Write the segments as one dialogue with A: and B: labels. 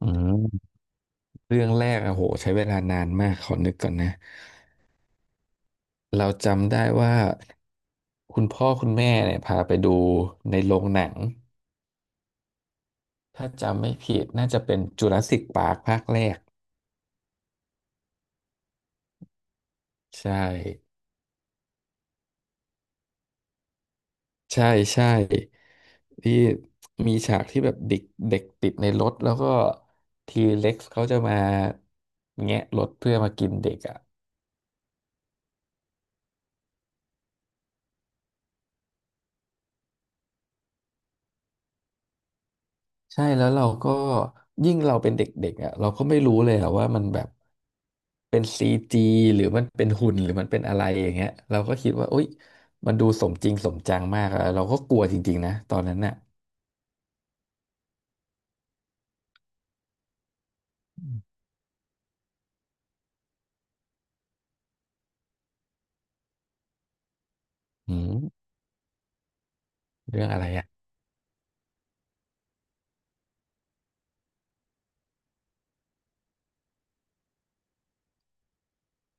A: อืมเรื่องแรกอะโหใช้เวลานานมากขอนึกก่อนนะเราจำได้ว่าคุณพ่อคุณแม่เนี่ยพาไปดูในโรงหนังถ้าจำไม่ผิดน่าจะเป็นจูราสสิกปาร์คภาคแรกใช่ใช่ใช่ที่มีฉากที่แบบเด็กเด็กติดในรถแล้วก็ทีเล็กซ์เขาจะมาแงะรถเพื่อมากินเด็กอะ ใช่แล้วเราก็ยิ่งเราเป็นเด็กๆอ่ะเราก็ไม่รู้เลยอ่ะว่ามันแบบเป็นซีจีหรือมันเป็นหุ่นหรือมันเป็นอะไรอย่างเงี้ยเราก็คิดว่าอุ๊ยมันดูสมจริงสมจังมากอะเราก็กลัวจริงๆนะตอนนั้นน่ะอืมเรื่องอะไรอ่ะ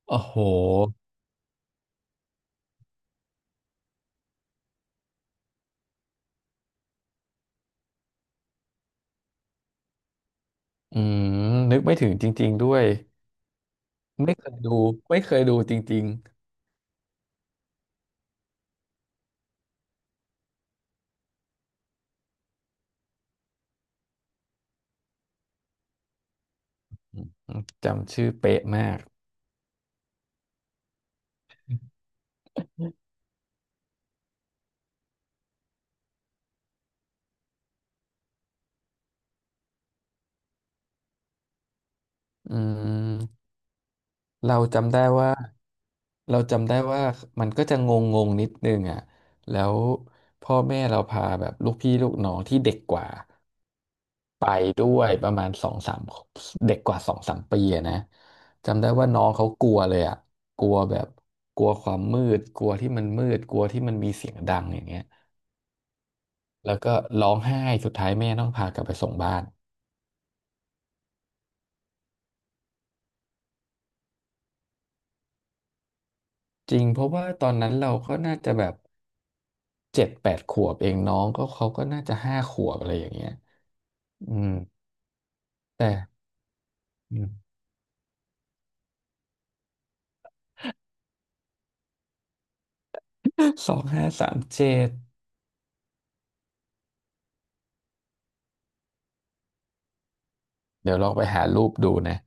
A: โอ้โหอืมนึกไม่ถึงจริงๆด้วยไม่เคยดูไม่เคยดูจริงๆอืมจำชื่อเป๊ะมากอืมเราจำได้ว่า เราจำได้ว่ามันก็จะงงงงนิดนึงอ่ะแล้วพ่อแม่เราพาแบบลูกพี่ลูกน้องที่เด็กกว่าไปด้วยประมาณสองสามเด็กกว่า2-3 ปีอะนะจำได้ว่าน้องเขากลัวเลยอ่ะกลัวแบบกลัวความมืดกลัวที่มันมืดกลัวที่มันมีเสียงดังอย่างเงี้ยแล้วก็ร้องไห้สุดท้ายแม่ต้องพากลับไปส่งบ้านจริงเพราะว่าตอนนั้นเราก็น่าจะแบบ7-8 ขวบเองน้องก็เขาก็น่าจะ5 ขวบอะไรอย่างเงี้ยอืมแต่ 2537เดี๋ยวลองไปหารูปดูนะ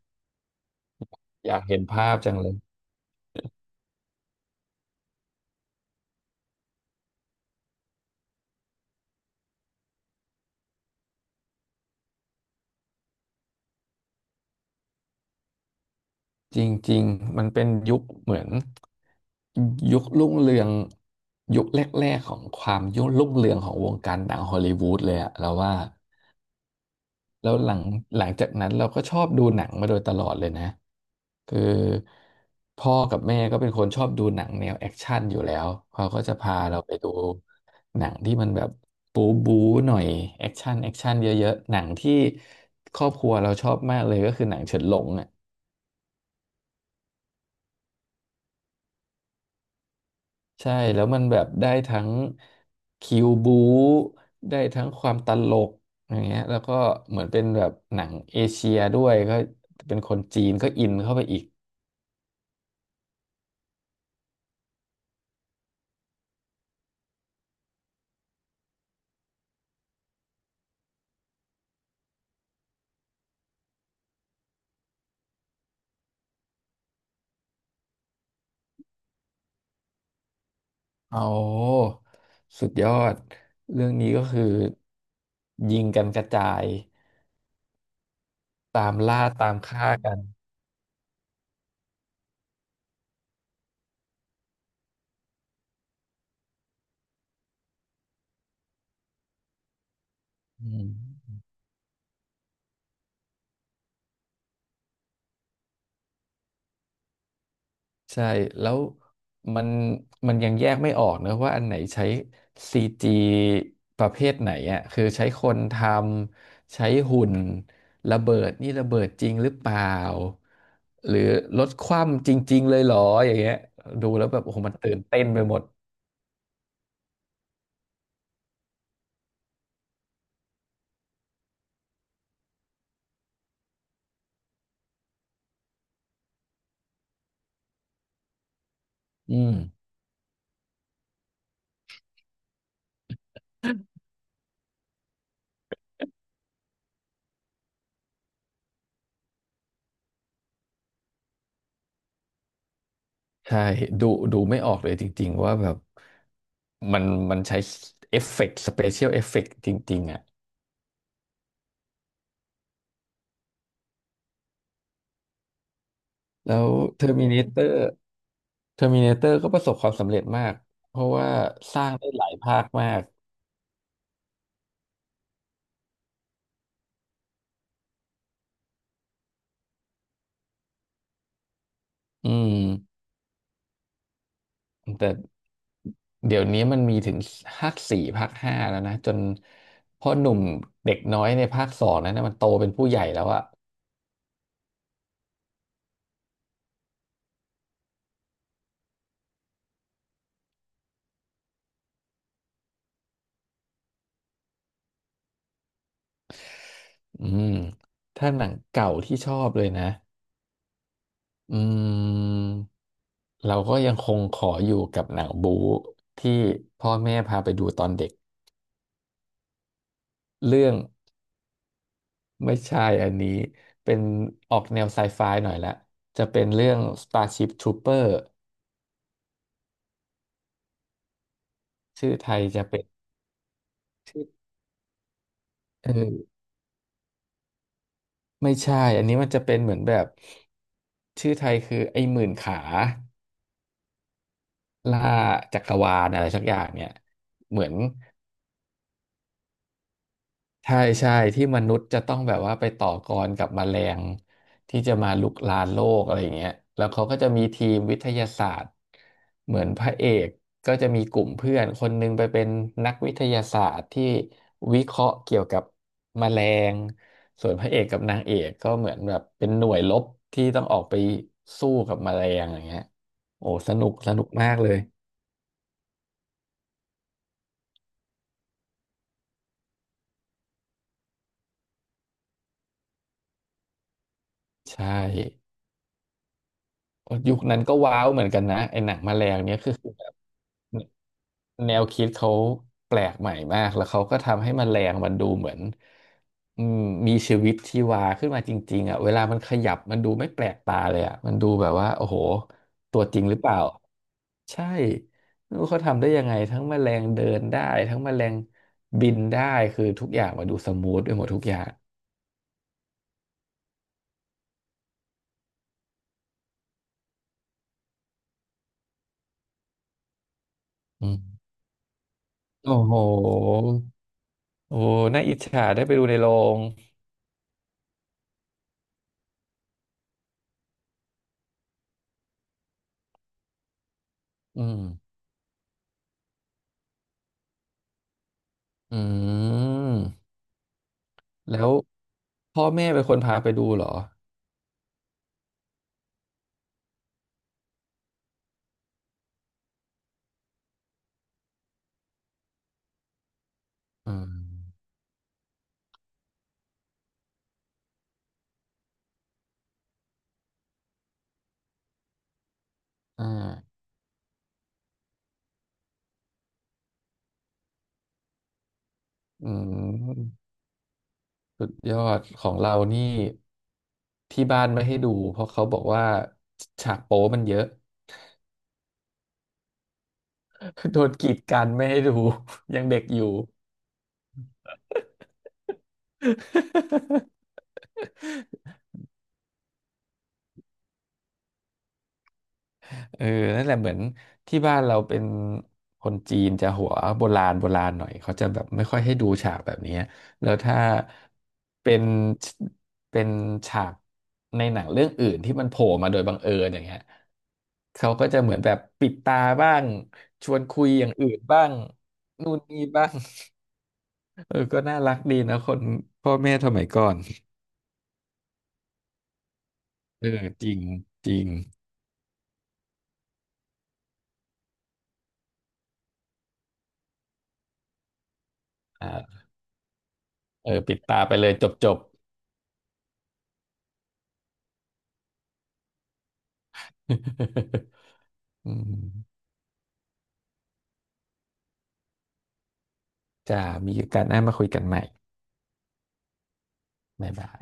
A: อยากเห็นภาพจังเลยจริงๆมันเป็นยุคเหมือนยุครุ่งเรืองยุคแรกๆของความยุครุ่งเรืองของวงการหนังฮอลลีวูดเลยอะเราว่า แล้วหลังจากนั้นเราก็ชอบดูหนังมาโดยตลอดเลยนะคือพ่อกับแม่ก็เป็นคนชอบดูหนังแนวแอคชั่นอยู่แล้วเขาก็จะพาเราไปดูหนังที่มันแบบบู๊บู๊หน่อยแอคชั่นแอคชั่นเยอะๆหนังที่ครอบครัวเราชอบมากเลยก็คือหนังเฉินหลงอ่ะใช่แล้วมันแบบได้ทั้งคิวบูได้ทั้งความตลกอย่างเงี้ยแล้วก็เหมือนเป็นแบบหนังเอเชียด้วยก็เป็นคนจีนก็อินเข้าไปอีก เอาสุดยอดเรื่องนี้ก็คือยิงกันกระจายตามล่าตามฆ่ากันอืมใช่แล้วมันมันยังแยกไม่ออกนะว่าอันไหนใช้ซีจีประเภทไหนอ่ะคือใช้คนใช้หุ่นระเบิดนี่ระเบิดจริงหรือเปล่าหรือรถคว่ำจริงๆเลยเหรออย่างเงี้ยดูแล้วแบบโอ้โหมันตื่นเต้นไปหมดอืมใช่ดูดูไม่ออกเลยจริงๆว่าแบบ มันมันใช้เอฟเฟกต์สเปเชียลเอฟเฟกต์จริงๆอ่ะแล้วเทอร์มิน t เตอร์เทอร์มินเตอร์ก็ประสบความสำเร็จมากเพราะว่าสร้างได้หลายภาคมากอืมแต่เดี๋ยวนี้มันมีถึงภาคสี่ภาคห้าแล้วนะจนพ่อหนุ่มเด็กน้อยในภาคสองนั้นนะมันโตเป็นผู้ใหญ่แล้วอะอืมถ้าหนังเก่าที่ชอบเลยนะ อืมเราก็ยังคงขออยู่กับหนังบู๊ที่พ่อแม่พาไปดูตอนเด็กเรื่องไม่ใช่อันนี้เป็นออกแนวไซไฟหน่อยละจะเป็นเรื่อง Starship Trooper ชื่อไทยจะเป็นชื่อเออไม่ใช่อันนี้มันจะเป็นเหมือนแบบชื่อไทยคือไอ้หมื่นขาล่าจักรวาลอะไรสักอย่างเนี่ยเหมือน ใช่ใช่ที่มนุษย์จะต้องแบบว่าไปต่อกรกับแมลงที่จะมารุกรานโลกอะไรอย่างเงี้ยแล้วเขาก็จะมีทีมวิทยาศาสตร์เหมือนพระเอกก็จะมีกลุ่มเพื่อนคนหนึงไปเป็นนักวิทยาศาสตร์ที่วิเคราะห์เกี่ยวกับแมลงส่วนพระเอกกับนางเอกก็เหมือนแบบเป็นหน่วยรบที่ต้องออกไปสู้กับแมลงอย่างเงี้ยโอ้สนุกสนุกมากเลยใช่ ยุคนั้นก็ว้าวเหมือนกันนะไอ้หนังแมลงเนี้ยคือแบบแนวคิดเขาแปลกใหม่มากแล้วเขาก็ทำให้แมลงมันดูเหมือนอืมมีชีวิตชีวาขึ้นมาจริงๆอ่ะเวลามันขยับมันดูไม่แปลกตาเลยอ่ะมันดูแบบว่าโอ้โหตัวจริงหรือเปล่าใช่ไม่รู้เขาทำได้ยังไงทั้งแมลงเดินได้ทั้งแมลงบินได้คือทุกอย่างมาดูสมูทไปหมดทุกอย่างอืมโอ้โหโอ้โหน่าอิจฉาได้ไปดูในโรงอืม อืมแล้วพ่อแม่เป็นคนพาไปดูเหรออืมอ่าอืมสุดยอดของเรานี่ที่บ้านไม่ให้ดูเพราะเขาบอกว่าฉากโป๊มันเยอะ โดนกีดกันไม่ให้ดู ยังเด็กอยู่ เออนั่นแหละเหมือนที่บ้านเราเป็นคนจีนจะหัวโบราณโบราณหน่อยเขาจะแบบไม่ค่อยให้ดูฉากแบบนี้แล้วถ้าเป็นเป็นฉากในหนังเรื่องอื่นที่มันโผล่มาโดยบังเอิญอย่างเงี้ยเขาก็จะเหมือนแบบปิดตาบ้างชวนคุยอย่างอื่นบ้างนู่นนี่บ้างเออก็น่ารักดีนะคนพ่อแม่สมัยก่อนเออจริงจริงอ่าเออปิดตาไปเลยจบจบ อืม จะมีโอกาสหน้ามาคุยกันใหม่บ๊ายบาย